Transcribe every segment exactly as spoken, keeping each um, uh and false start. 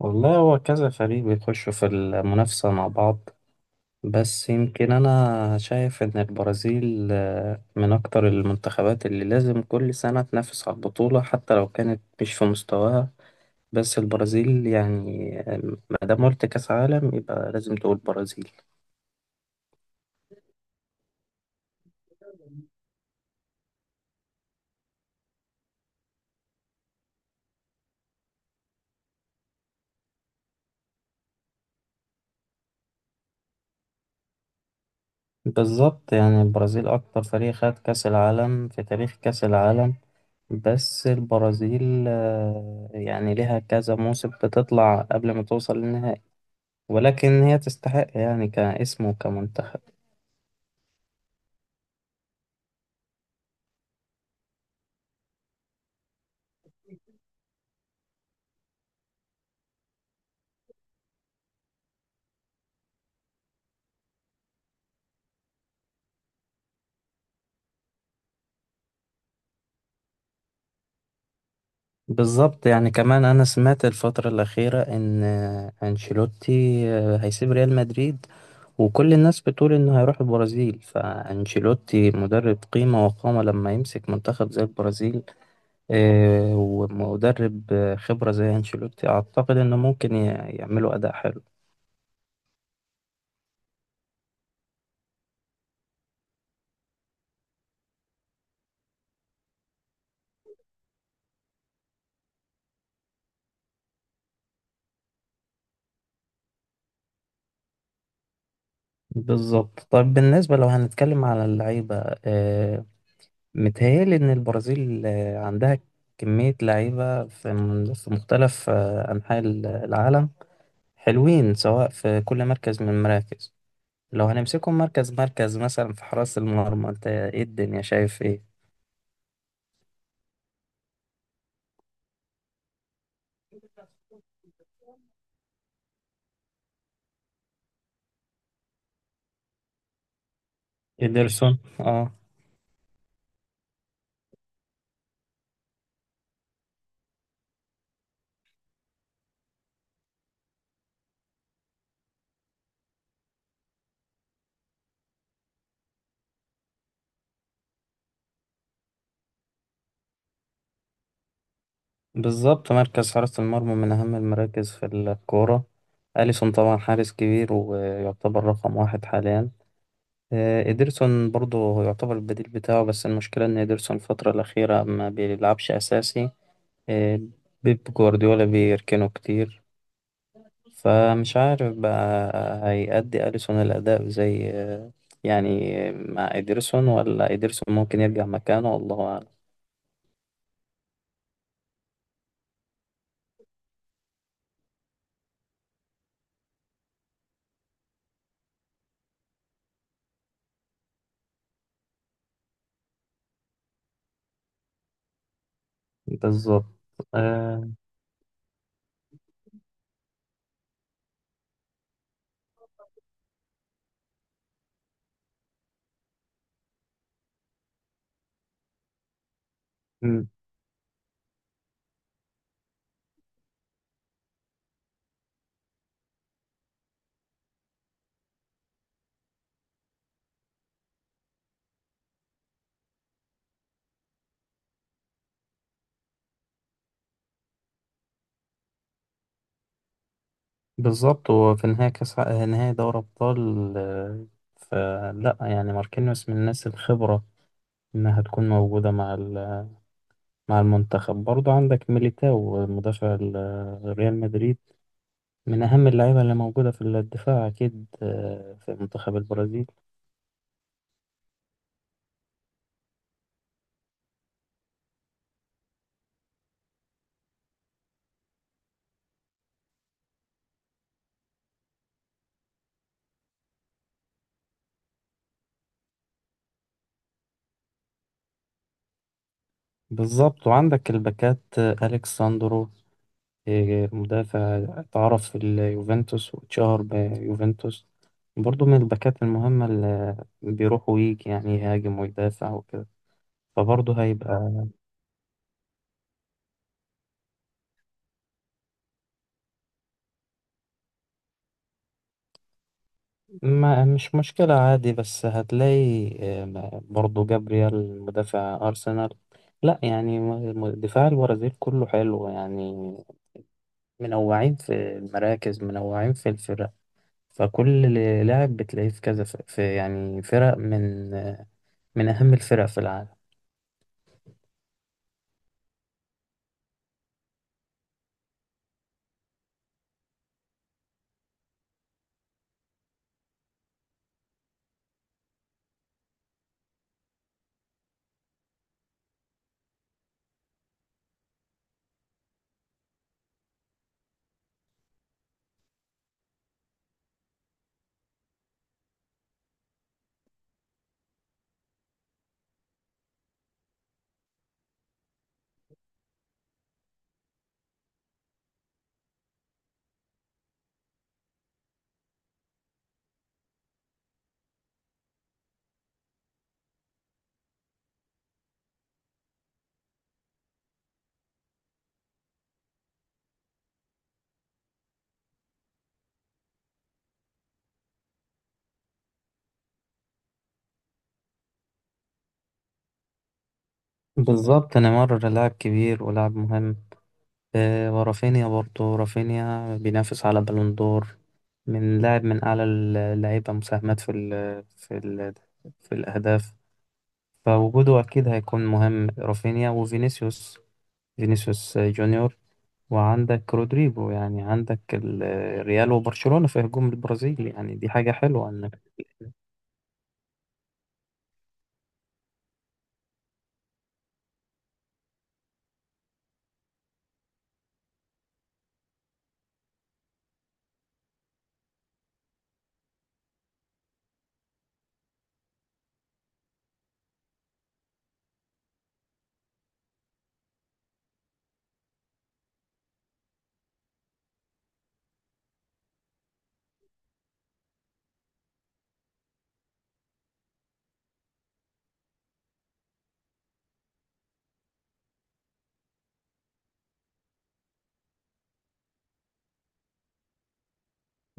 والله هو كذا فريق بيخشوا في المنافسة مع بعض. بس يمكن أنا شايف إن البرازيل آه، من أكتر المنتخبات اللي لازم كل سنة تنافس على البطولة حتى لو كانت مش في مستواها. بس البرازيل يعني آه، ما دام قلت كأس عالم يبقى لازم تقول برازيل. بالظبط، يعني البرازيل أكتر فريق خد كأس العالم في تاريخ كأس العالم. بس البرازيل آه، يعني لها كذا موسم بتطلع قبل ما توصل للنهائي، ولكن هي تستحق يعني كاسم وكمنتخب. بالظبط، يعني كمان أنا سمعت الفترة الأخيرة إن أنشيلوتي هيسيب ريال مدريد، وكل الناس بتقول إنه هيروح البرازيل. فأنشيلوتي مدرب قيمة وقامة لما يمسك منتخب زي البرازيل. آه، ومدرب خبرة زي أنشيلوتي، أعتقد إنه ممكن ي- يعملوا أداء حلو. بالظبط. طيب، بالنسبة لو هنتكلم على اللعيبة، آه، متهيألي إن البرازيل آه، عندها كمية لعيبة في من- في مختلف آه، أنحاء ال- العالم، حلوين سواء في كل مركز من المراكز. لو هنمسكهم مركز مركز، مثلا في حراسة المرمى، أنت إيه الدنيا شايف إيه؟ إيدرسون، اه. بالظبط، مركز حراسة المرمى من أهم المراكز في الكورة. أليسون طبعا حارس كبير ويعتبر رقم واحد حاليا. آه، إيدرسون برضه هو يعتبر البديل بتاعه، بس المشكلة إن إيدرسون الفترة الأخيرة ما بيلعبش أساسي. آه، بيب جوارديولا بيركنه كتير، فمش عارف بقى هيأدي أليسون الأداء زي آه، يعني مع إيدرسون، ولا إيدرسون ممكن يرجع مكانه، والله أعلم. بالظبط آه، م- بالظبط وفي نهاية كأس ع- نهاية دوري أبطال، آه، فلا يعني ماركينيوس من الناس الخبرة إنها هتكون موجودة مع ال مع المنتخب. برضو عندك ميليتاو مدافع ال- ريال مدريد، من أهم اللعيبة اللي موجودة في الدفاع أكيد، آه، في منتخب البرازيل. بالظبط، وعندك الباكات، آه، أليكس ساندرو، آه، مدافع اتعرف في اليوفنتوس واتشهر بيوفنتوس. برضو من الباكات المهمة اللي بيروح ويجي يعني يهاجم ويدافع وكده. فبرضه هيبقى ما مش مشكلة عادي، بس هتلاقي آه، برضو جابريال مدافع أرسنال. لا يعني م- م- دفاع البرازيل كله حلو يعني، منوعين في المراكز، منوعين في الفرق. فكل لاعب بتلاقيه في كذا ف- في، يعني، فرق من من أهم الفرق في العالم. بالظبط، نيمار لاعب كبير ولاعب مهم. آه، ورافينيا، برضو رافينيا بينافس على بالون دور، من لاعب من أعلى اللعيبة مساهمات في ال في ال في الأهداف. فوجوده أكيد هيكون مهم. رافينيا وفينيسيوس، فينيسيوس جونيور، وعندك رودريجو. يعني عندك ال- الريال وبرشلونة في هجوم البرازيل، يعني دي حاجة حلوة إنك.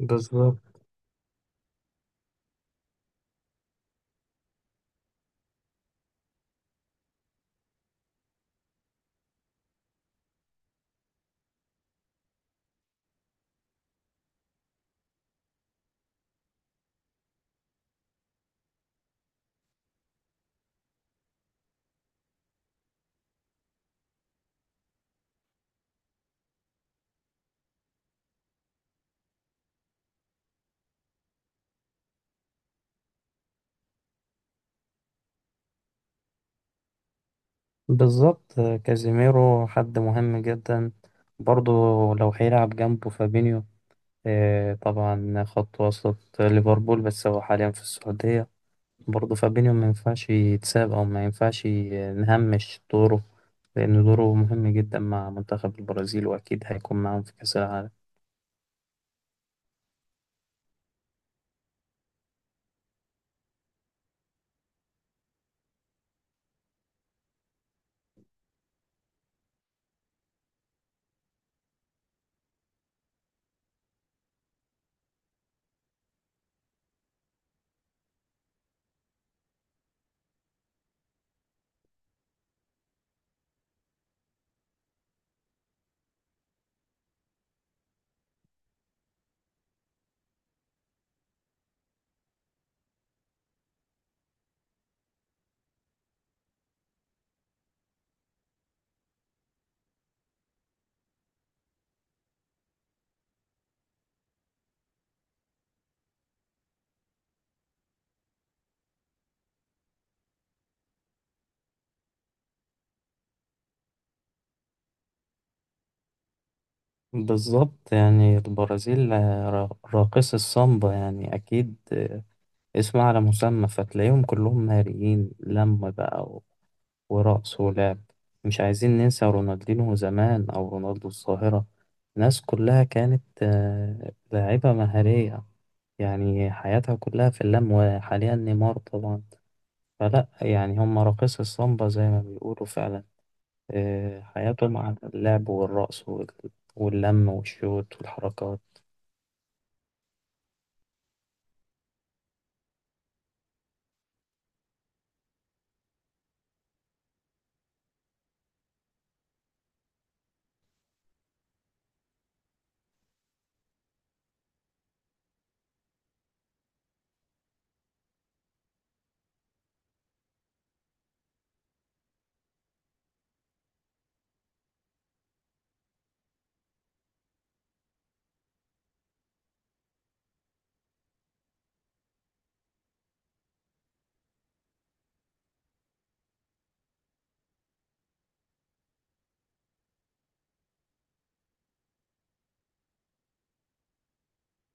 بالظبط. بالظبط، آه، كازيميرو حد مهم جدا. برضو لو هيلعب جنبه فابينيو، آه، طبعا خط وسط ليفربول بس هو حاليا في السعودية. برضه فابينيو ما ينفعش يتساب، أو ما ينفعش نهمش دوره، لأن دوره مهم جدا مع منتخب البرازيل، وأكيد هيكون معاهم في كأس العالم. بالظبط، يعني البرازيل آه، را- راقص السامبا، يعني أكيد، آه، اسم على مسمى. فتلاقيهم كلهم ناريين لم بقى ورقص ولعب. مش عايزين ننسى رونالدينو زمان، أو رونالدو الظاهرة، ناس كلها كانت آه، لاعبة مهارية، يعني حياتها كلها في اللم، وحاليا نيمار طبعا. فلا يعني هم راقصي السامبا زي ما بيقولوا فعلا، آه، حياتهم على اللعب والرقص وال- واللم والشوت والحركات.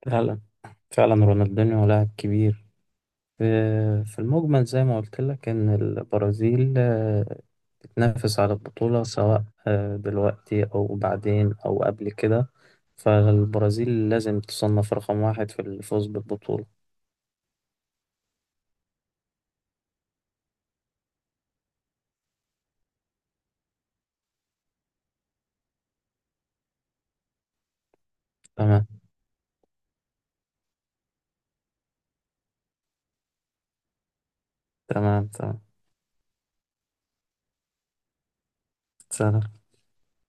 فعلا، فعلا رونالدينيو لاعب كبير. آه، في المجمل، زي ما قلت لك، إن البرازيل آه، تنافس على البطولة، سواء آه، دلوقتي أو بعدين أو قبل كده. فالبرازيل لازم تصنف رقم واحد في الفوز بالبطولة. تمام، تمام، تمام. سلام.